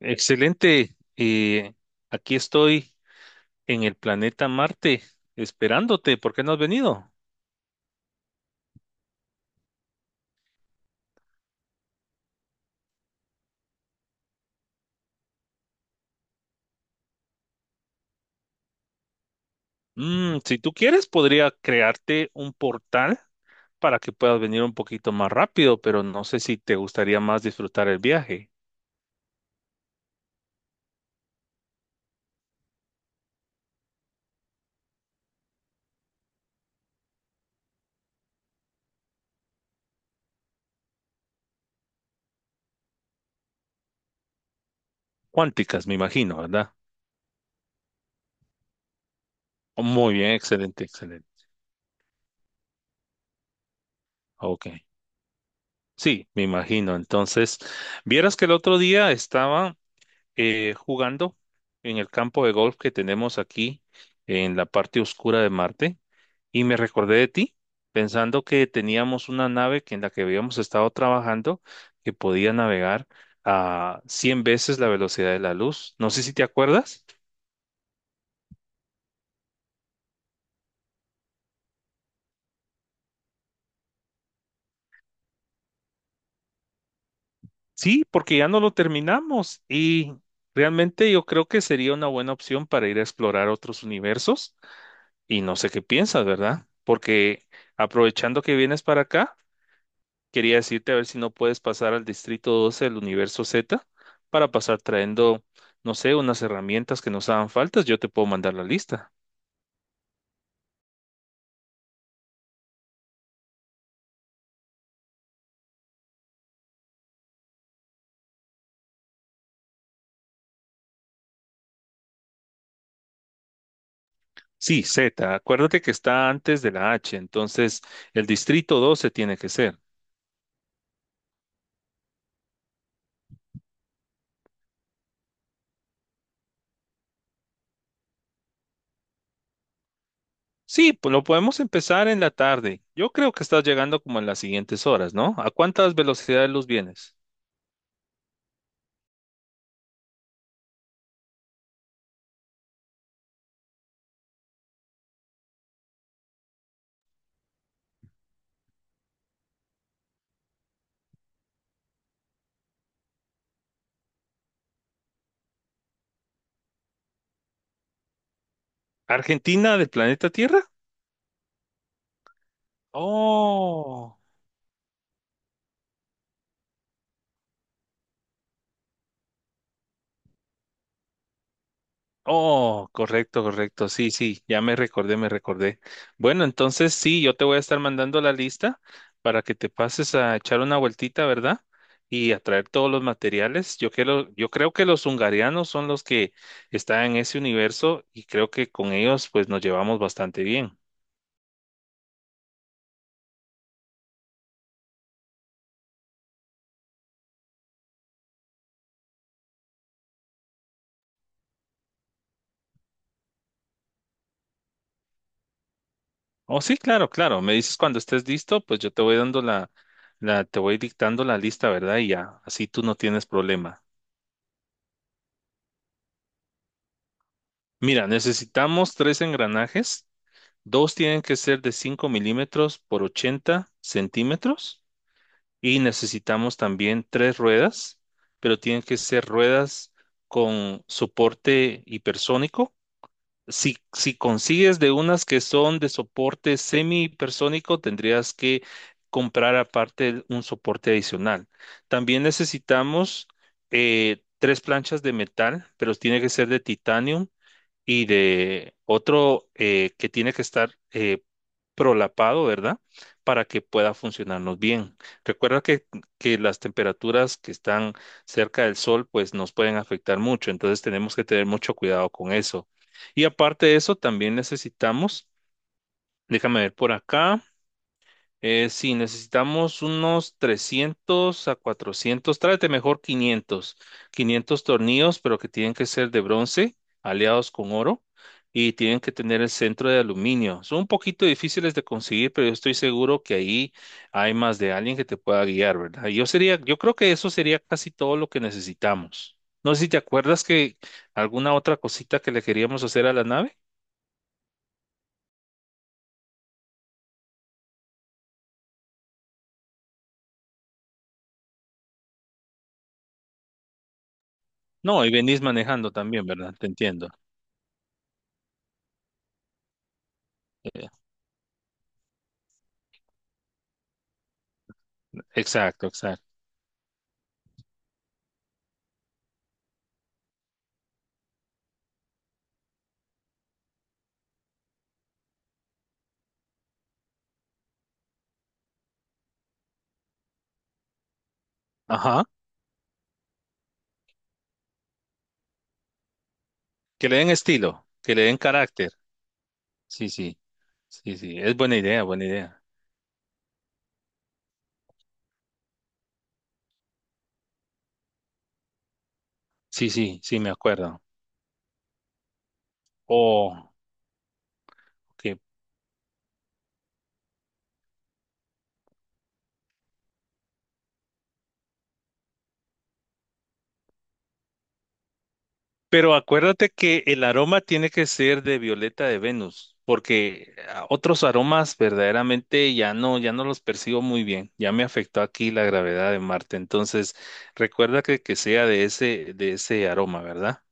Excelente. Aquí estoy en el planeta Marte esperándote. ¿Por qué no has venido? Si tú quieres, podría crearte un portal para que puedas venir un poquito más rápido, pero no sé si te gustaría más disfrutar el viaje. Cuánticas, me imagino, ¿verdad? Oh, muy bien, excelente, excelente. Ok. Sí, me imagino. Entonces, vieras que el otro día estaba jugando en el campo de golf que tenemos aquí en la parte oscura de Marte. Y me recordé de ti, pensando que teníamos una nave que en la que habíamos estado trabajando que podía navegar a 100 veces la velocidad de la luz. No sé si te acuerdas. Sí, porque ya no lo terminamos y realmente yo creo que sería una buena opción para ir a explorar otros universos y no sé qué piensas, ¿verdad? Porque aprovechando que vienes para acá, quería decirte a ver si no puedes pasar al Distrito 12 del Universo Z para pasar trayendo, no sé, unas herramientas que nos hagan faltas. Yo te puedo mandar la lista. Sí, Z, acuérdate que está antes de la H, entonces el Distrito 12 tiene que ser. Sí, pues lo podemos empezar en la tarde. Yo creo que estás llegando como en las siguientes horas, ¿no? ¿A cuántas velocidades de luz vienes? ¿Argentina del planeta Tierra? Oh. Oh, correcto, correcto. Sí, sí, ya me recordé, me recordé. Bueno, entonces sí, yo te voy a estar mandando la lista para que te pases a echar una vueltita, ¿verdad? Y a traer todos los materiales. Yo creo que los hungarianos son los que están en ese universo y creo que con ellos pues nos llevamos bastante bien. Oh, sí, claro, claro. Me dices cuando estés listo, pues yo te voy dando te voy dictando la lista, ¿verdad? Y ya, así tú no tienes problema. Mira, necesitamos tres engranajes. Dos tienen que ser de 5 mm por 80 cm y necesitamos también tres ruedas, pero tienen que ser ruedas con soporte hipersónico. Si, si consigues de unas que son de soporte semi hipersónico, tendrías que comprar aparte un soporte adicional. También necesitamos tres planchas de metal, pero tiene que ser de titanio y de otro que tiene que estar prolapado, ¿verdad? Para que pueda funcionarnos bien. Recuerda que las temperaturas que están cerca del sol, pues nos pueden afectar mucho, entonces tenemos que tener mucho cuidado con eso. Y aparte de eso, también necesitamos, déjame ver por acá. Sí, necesitamos unos 300 a 400, tráete mejor 500, 500 tornillos, pero que tienen que ser de bronce, aleados con oro, y tienen que tener el centro de aluminio. Son un poquito difíciles de conseguir, pero yo estoy seguro que ahí hay más de alguien que te pueda guiar, ¿verdad? Yo sería, yo creo que eso sería casi todo lo que necesitamos. No sé si te acuerdas que alguna otra cosita que le queríamos hacer a la nave. No, y venís manejando también, ¿verdad? Te entiendo. Eh, Exacto, exacto. Ajá. Que le den estilo, que le den carácter. Sí, sí, sí, sí. Es buena idea, buena idea. Sí, sí, sí, me acuerdo. Oh, ok. Pero acuérdate que el aroma tiene que ser de violeta de Venus, porque ah, otros aromas verdaderamente ya no los percibo muy bien. Ya me afectó aquí la gravedad de Marte. Entonces, recuerda que sea de ese aroma, ¿verdad?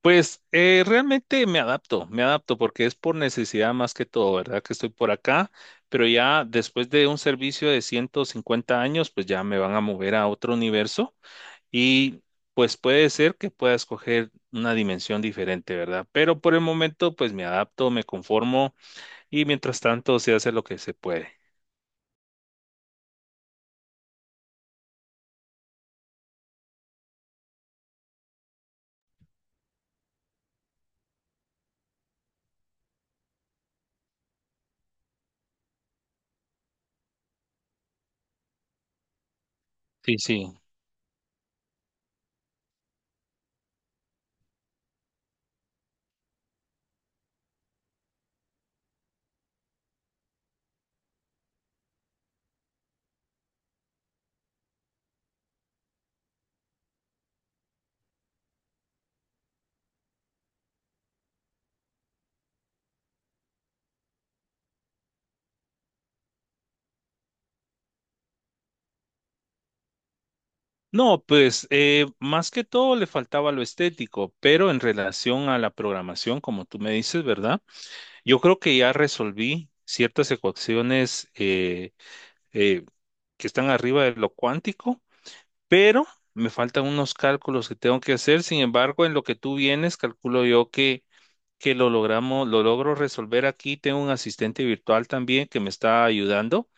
Pues realmente me adapto porque es por necesidad más que todo, ¿verdad? Que estoy por acá, pero ya después de un servicio de 150 años, pues ya me van a mover a otro universo y pues puede ser que pueda escoger una dimensión diferente, ¿verdad? Pero por el momento, pues me adapto, me conformo y mientras tanto se hace lo que se puede. Sí, sí. No, pues más que todo le faltaba lo estético, pero en relación a la programación, como tú me dices, ¿verdad? Yo creo que ya resolví ciertas ecuaciones eh, que están arriba de lo cuántico, pero me faltan unos cálculos que tengo que hacer. Sin embargo, en lo que tú vienes, calculo yo que lo logramos, lo logro resolver aquí. Tengo un asistente virtual también que me está ayudando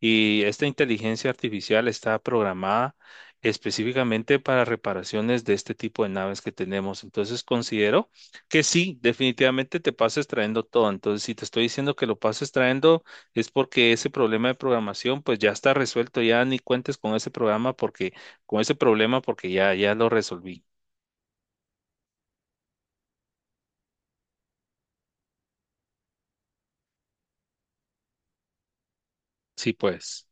y esta inteligencia artificial está programada específicamente para reparaciones de este tipo de naves que tenemos. Entonces considero que sí, definitivamente te pases trayendo todo. Entonces, si te estoy diciendo que lo pases trayendo es porque ese problema de programación pues ya está resuelto, ya ni cuentes con ese programa porque con ese problema porque ya lo resolví. Sí, pues.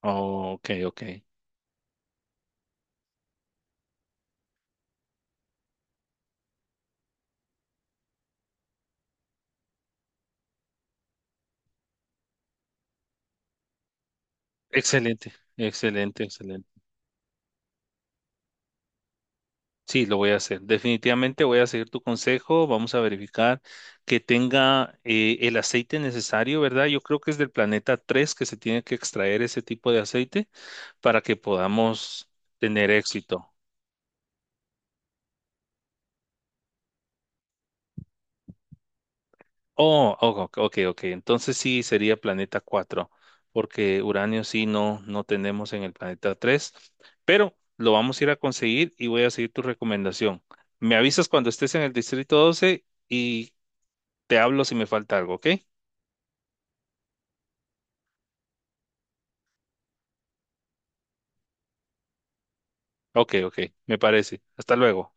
Ok, ok. Excelente, excelente, excelente. Sí, lo voy a hacer. Definitivamente voy a seguir tu consejo. Vamos a verificar que tenga el aceite necesario, ¿verdad? Yo creo que es del planeta 3 que se tiene que extraer ese tipo de aceite para que podamos tener éxito. Oh, oh, ok, ok. Ok. Entonces sí sería planeta 4 porque uranio sí no, no tenemos en el planeta 3, pero lo vamos a ir a conseguir y voy a seguir tu recomendación. Me avisas cuando estés en el distrito 12 y te hablo si me falta algo, ¿ok? Ok, ok, me parece. Hasta luego.